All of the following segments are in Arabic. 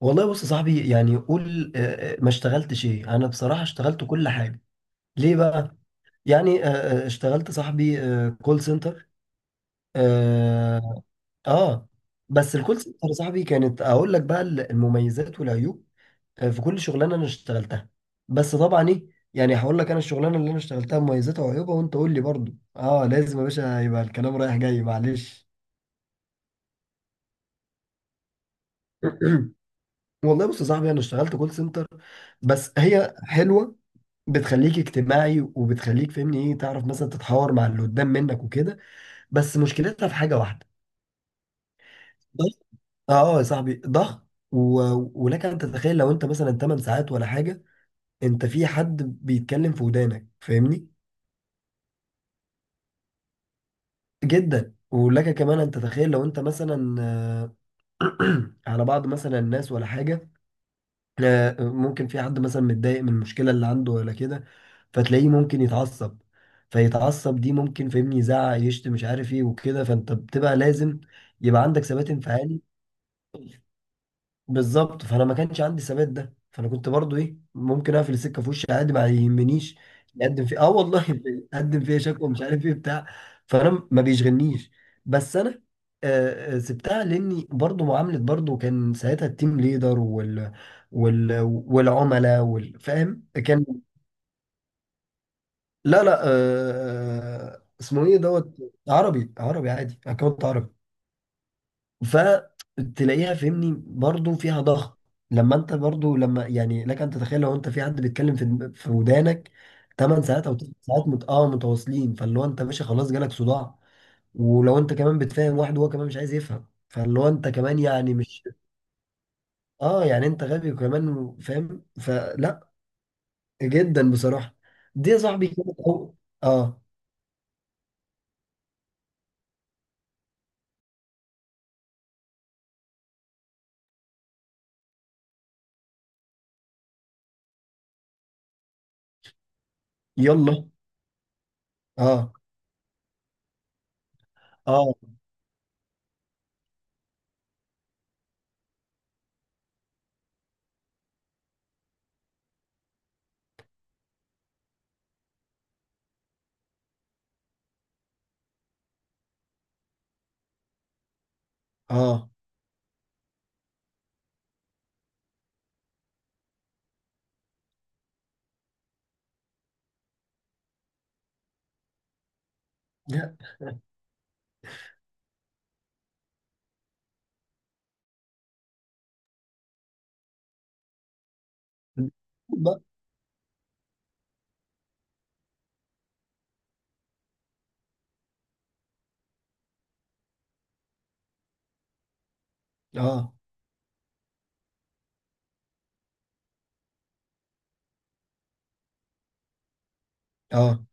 والله بص يا صاحبي يعني قول ما اشتغلتش ايه، انا بصراحة اشتغلت كل حاجة. ليه بقى؟ يعني اشتغلت صاحبي كول سنتر. اه. آه. بس الكول سنتر يا صاحبي كانت اقول لك بقى المميزات والعيوب في كل شغلانة انا اشتغلتها. بس طبعا ايه، يعني هقول لك انا الشغلانة اللي انا اشتغلتها مميزاتها وعيوبها، وانت قول لي برضو. اه، لازم يا باشا يبقى الكلام رايح جاي معلش. والله بص يا صاحبي انا اشتغلت كول سنتر، بس هي حلوه. بتخليك اجتماعي وبتخليك فاهمني ايه، تعرف مثلا تتحاور مع اللي قدام منك وكده. بس مشكلتها في حاجه واحده: ضغط. اه يا صاحبي، ضغط ولك ان تتخيل لو انت مثلا 8 ساعات ولا حاجه، انت في حد بيتكلم في ودانك فاهمني. جدا، ولك كمان ان تتخيل لو انت مثلا على بعض مثلا الناس ولا حاجه، ممكن في حد مثلا متضايق من المشكلة اللي عنده ولا كده، فتلاقيه ممكن يتعصب. فيتعصب دي ممكن فاهمني يزعق يشتم مش عارف ايه وكده، فانت بتبقى لازم يبقى عندك ثبات انفعالي. بالظبط، فانا ما كانش عندي ثبات ده، فانا كنت برضو ايه ممكن اقفل السكه في وشي عادي ما يهمنيش. يقدم فيه اه والله يقدم فيه شكوى مش عارف ايه بتاع، فانا ما بيشغلنيش. بس انا سبتها لاني برضو معامله، برضو كان ساعتها التيم ليدر والعملاء فاهم كان. لا، لا، اسمه ايه دوت. عربي. عربي عادي، اكونت عربي. فتلاقيها فهمني برضو فيها ضغط. لما انت برضو لما يعني لك ان تتخيل لو انت في حد بيتكلم في ودانك 8 ساعات او 9 ساعات مت... اه متواصلين، فاللي هو انت ماشي خلاص جالك صداع. ولو انت كمان بتفهم واحد وهو كمان مش عايز يفهم، فاللي هو انت كمان يعني مش. اه، يعني انت غبي وكمان فاهم، فلا. جدا بصراحة. دي يا صاحبي كانت اه. يلا. اه. اه. اه. لا. اه. اه،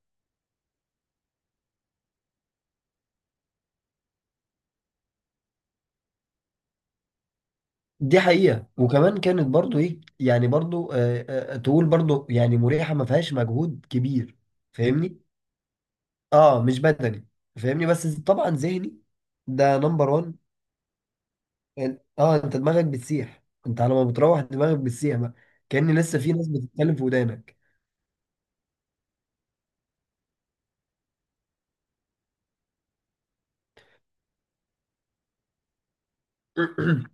دي حقيقة. وكمان كانت برضو ايه يعني برضو تقول برضو يعني مريحة ما فيهاش مجهود كبير فاهمني. اه، مش بدني، فاهمني، بس طبعا ذهني. ده نمبر وان. اه، انت دماغك بتسيح، انت على ما بتروح دماغك بتسيح بقى، كأن لسه في ناس بتتكلم في ودانك.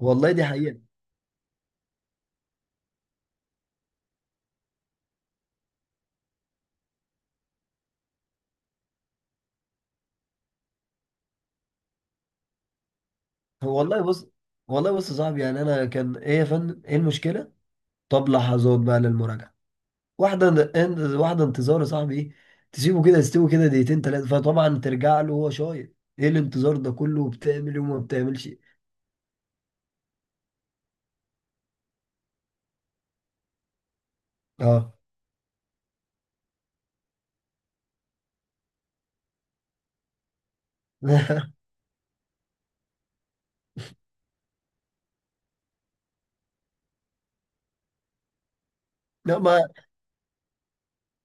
والله دي حقيقة. والله بص والله بص يا صاحبي، يعني انا كان ايه يا فندم ايه المشكلة؟ طب لحظات بقى للمراجعة، واحدة انتظار، يا صاحبي ايه، تسيبه كده يستوي كده دقيقتين تلاتة فطبعا ترجع له وهو شايط: ايه الانتظار ده كله، بتعمل وما بتعملش. اه لا ما،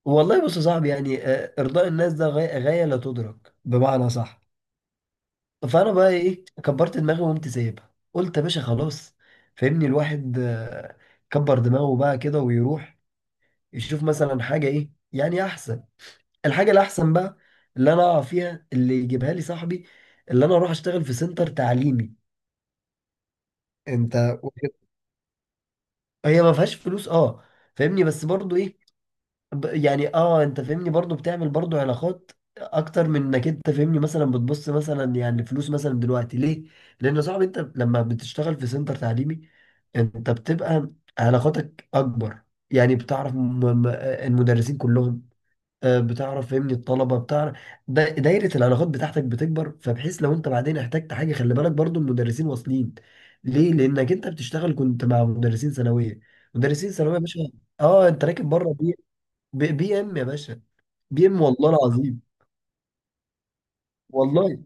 والله بص يا صاحبي، يعني ارضاء الناس ده غاية، غاية لا تدرك، بمعنى صح. فانا بقى ايه كبرت دماغي وقمت سايبها، قلت يا باشا خلاص. فاهمني الواحد كبر دماغه بقى كده ويروح يشوف مثلا حاجة ايه يعني احسن. الحاجه الاحسن بقى اللي انا اقع فيها اللي يجيبها لي صاحبي، اللي انا اروح اشتغل في سنتر تعليمي. انت. هي ما فيهاش فلوس اه، فاهمني، بس برضو ايه. يعني اه انت فاهمني برضو بتعمل برضو علاقات اكتر من انك انت فاهمني مثلا بتبص مثلا يعني فلوس مثلا دلوقتي، ليه؟ لان يا صاحبي انت لما بتشتغل في سنتر تعليمي انت بتبقى علاقاتك اكبر. يعني بتعرف المدرسين كلهم، بتعرف فهمني الطلبه بتعرف. دايره العلاقات بتاعتك بتكبر، فبحيث لو انت بعدين احتجت حاجه خلي بالك برضو المدرسين واصلين. ليه؟ لانك انت بتشتغل كنت مع مدرسين ثانويه. مدرسين ثانويه يا باشا. اه انت راكب بره بي ام يا باشا. بي ام والله العظيم. والله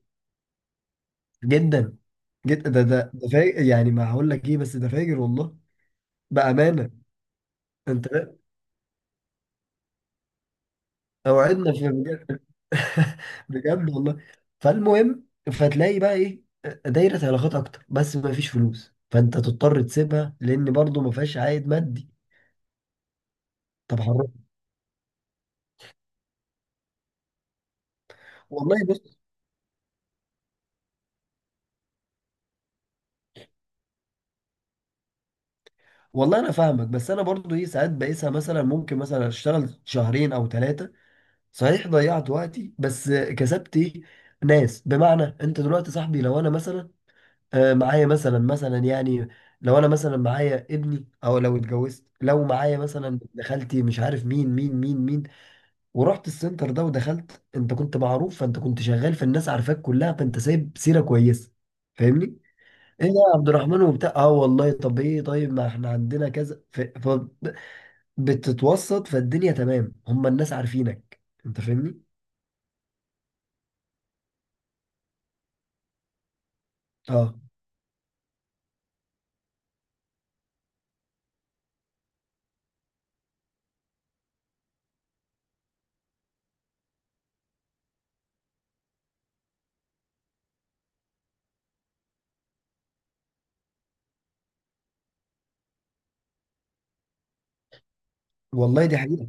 جدا، جدا، ده فاجر، يعني ما هقول لك ايه، بس ده فاجر والله، بامانه. انت فاهم؟ اوعدنا في بجد والله. فالمهم، فتلاقي بقى ايه دايرة علاقات اكتر، بس ما فيش فلوس، فانت تضطر تسيبها لان برضو ما فيهاش عائد مادي. طب حرام. والله بص. والله انا فاهمك، بس انا برضو ايه ساعات بقيسها، مثلا ممكن مثلا اشتغل شهرين او ثلاثة، صحيح ضيعت وقتي بس كسبت ايه؟ ناس. بمعنى انت دلوقتي صاحبي لو انا مثلا معايا مثلا يعني، لو انا مثلا معايا ابني او لو اتجوزت لو معايا مثلا ابن خالتي مش عارف مين مين مين مين، ورحت السنتر ده ودخلت، انت كنت معروف، فانت كنت شغال فالناس عارفاك كلها، فانت سايب سيره كويسه فاهمني. ايه ده يا عبد الرحمن وبتاع، اه والله طب ايه طيب ما احنا عندنا كذا بتتوسط فالدنيا، تمام، هم الناس عارفينك، انت فاهمني. اه، والله دي حقيقه.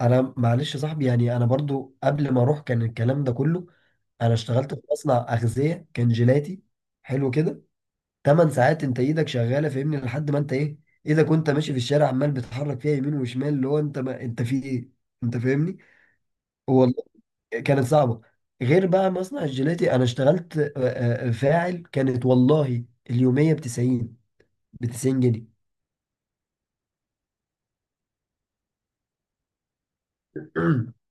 انا معلش يا صاحبي يعني انا برضو قبل ما اروح كان الكلام ده كله. انا اشتغلت في مصنع اغذيه كان جيلاتي حلو كده. ثمان ساعات انت ايدك شغاله فاهمني لحد ما انت ايه، ايدك وانت ماشي في الشارع عمال بتحرك فيها يمين وشمال، اللي هو انت ما انت في ايه، انت فاهمني. والله كانت صعبه. غير بقى مصنع الجيلاتي انا اشتغلت فاعل، كانت والله اليوميه ب 90 جنيه.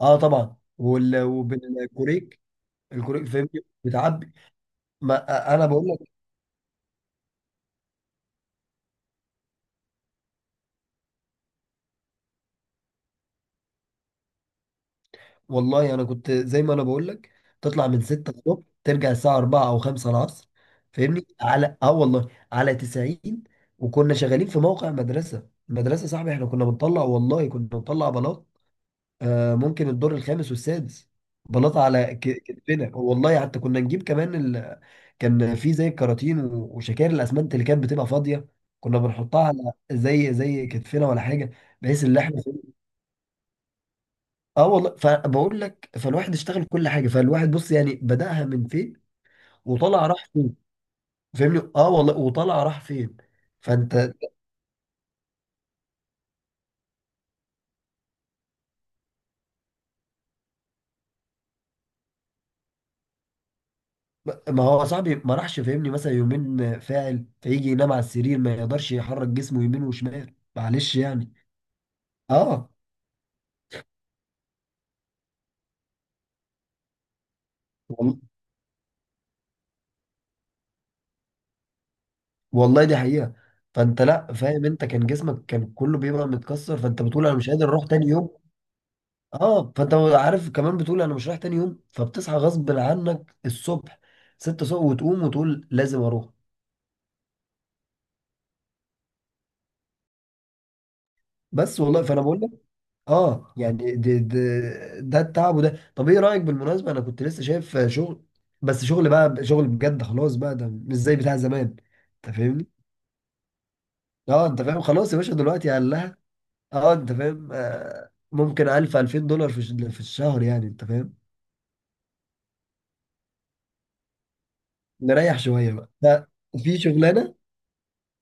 اه طبعا وبالكوريك. الكوريك فاهمني، بتعبي. ما انا بقول، والله انا كنت زي ما انا بقول لك. تطلع من 6 الصبح ترجع الساعه 4 او 5 العصر فاهمني. على اه والله على 90. وكنا شغالين في موقع مدرسه، المدرسه صاحبي احنا كنا بنطلع، والله كنا بنطلع بلاط، آه ممكن الدور الخامس والسادس، بلاط على كتفنا. والله حتى كنا نجيب كمان كان في زي الكراتين وشكاير الاسمنت اللي كانت بتبقى فاضيه، كنا بنحطها على زي زي كتفنا ولا حاجه، بحيث ان احنا. اه والله فبقول لك فالواحد اشتغل كل حاجه فالواحد بص يعني بدأها من فين وطلع راح فين فاهمني اه والله وطلع راح فين فانت ما هو صاحبي ما راحش فاهمني مثلا يومين فاعل فيجي ينام على السرير ما يقدرش يحرك جسمه يمين وشمال معلش يعني اه وال- والله دي حقيقه. فانت لا فاهم انت كان جسمك كان كله بيبقى متكسر فانت بتقول انا مش قادر اروح تاني يوم. اه، فانت عارف كمان بتقول انا مش رايح تاني يوم، فبتصحى غصب عنك الصبح 6 الصبح وتقوم وتقول لازم اروح. بس والله فانا بقول لك، اه يعني ده ده التعب. وده طب ايه رايك بالمناسبه، انا كنت لسه شايف شغل، بس شغل بقى شغل بجد خلاص بقى ده مش زي بتاع زمان، انت فاهمني. اه انت فاهم خلاص يا باشا دلوقتي قال لها. اه انت فاهم آه ممكن 1000 2000 دولار في الشهر يعني انت فاهم. نريح شويه بقى ده. في شغلانه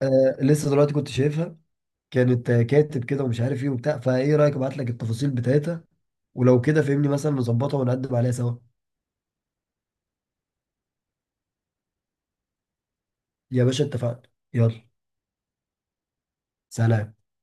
آه لسه دلوقتي كنت شايفها، كانت كاتب كده ومش عارف ايه وبتاع، فايه رايك ابعت لك التفاصيل بتاعتها، ولو كده فهمني مثلا نظبطها ونقدم عليها سوا. يا باشا اتفقنا. يلا. سلام.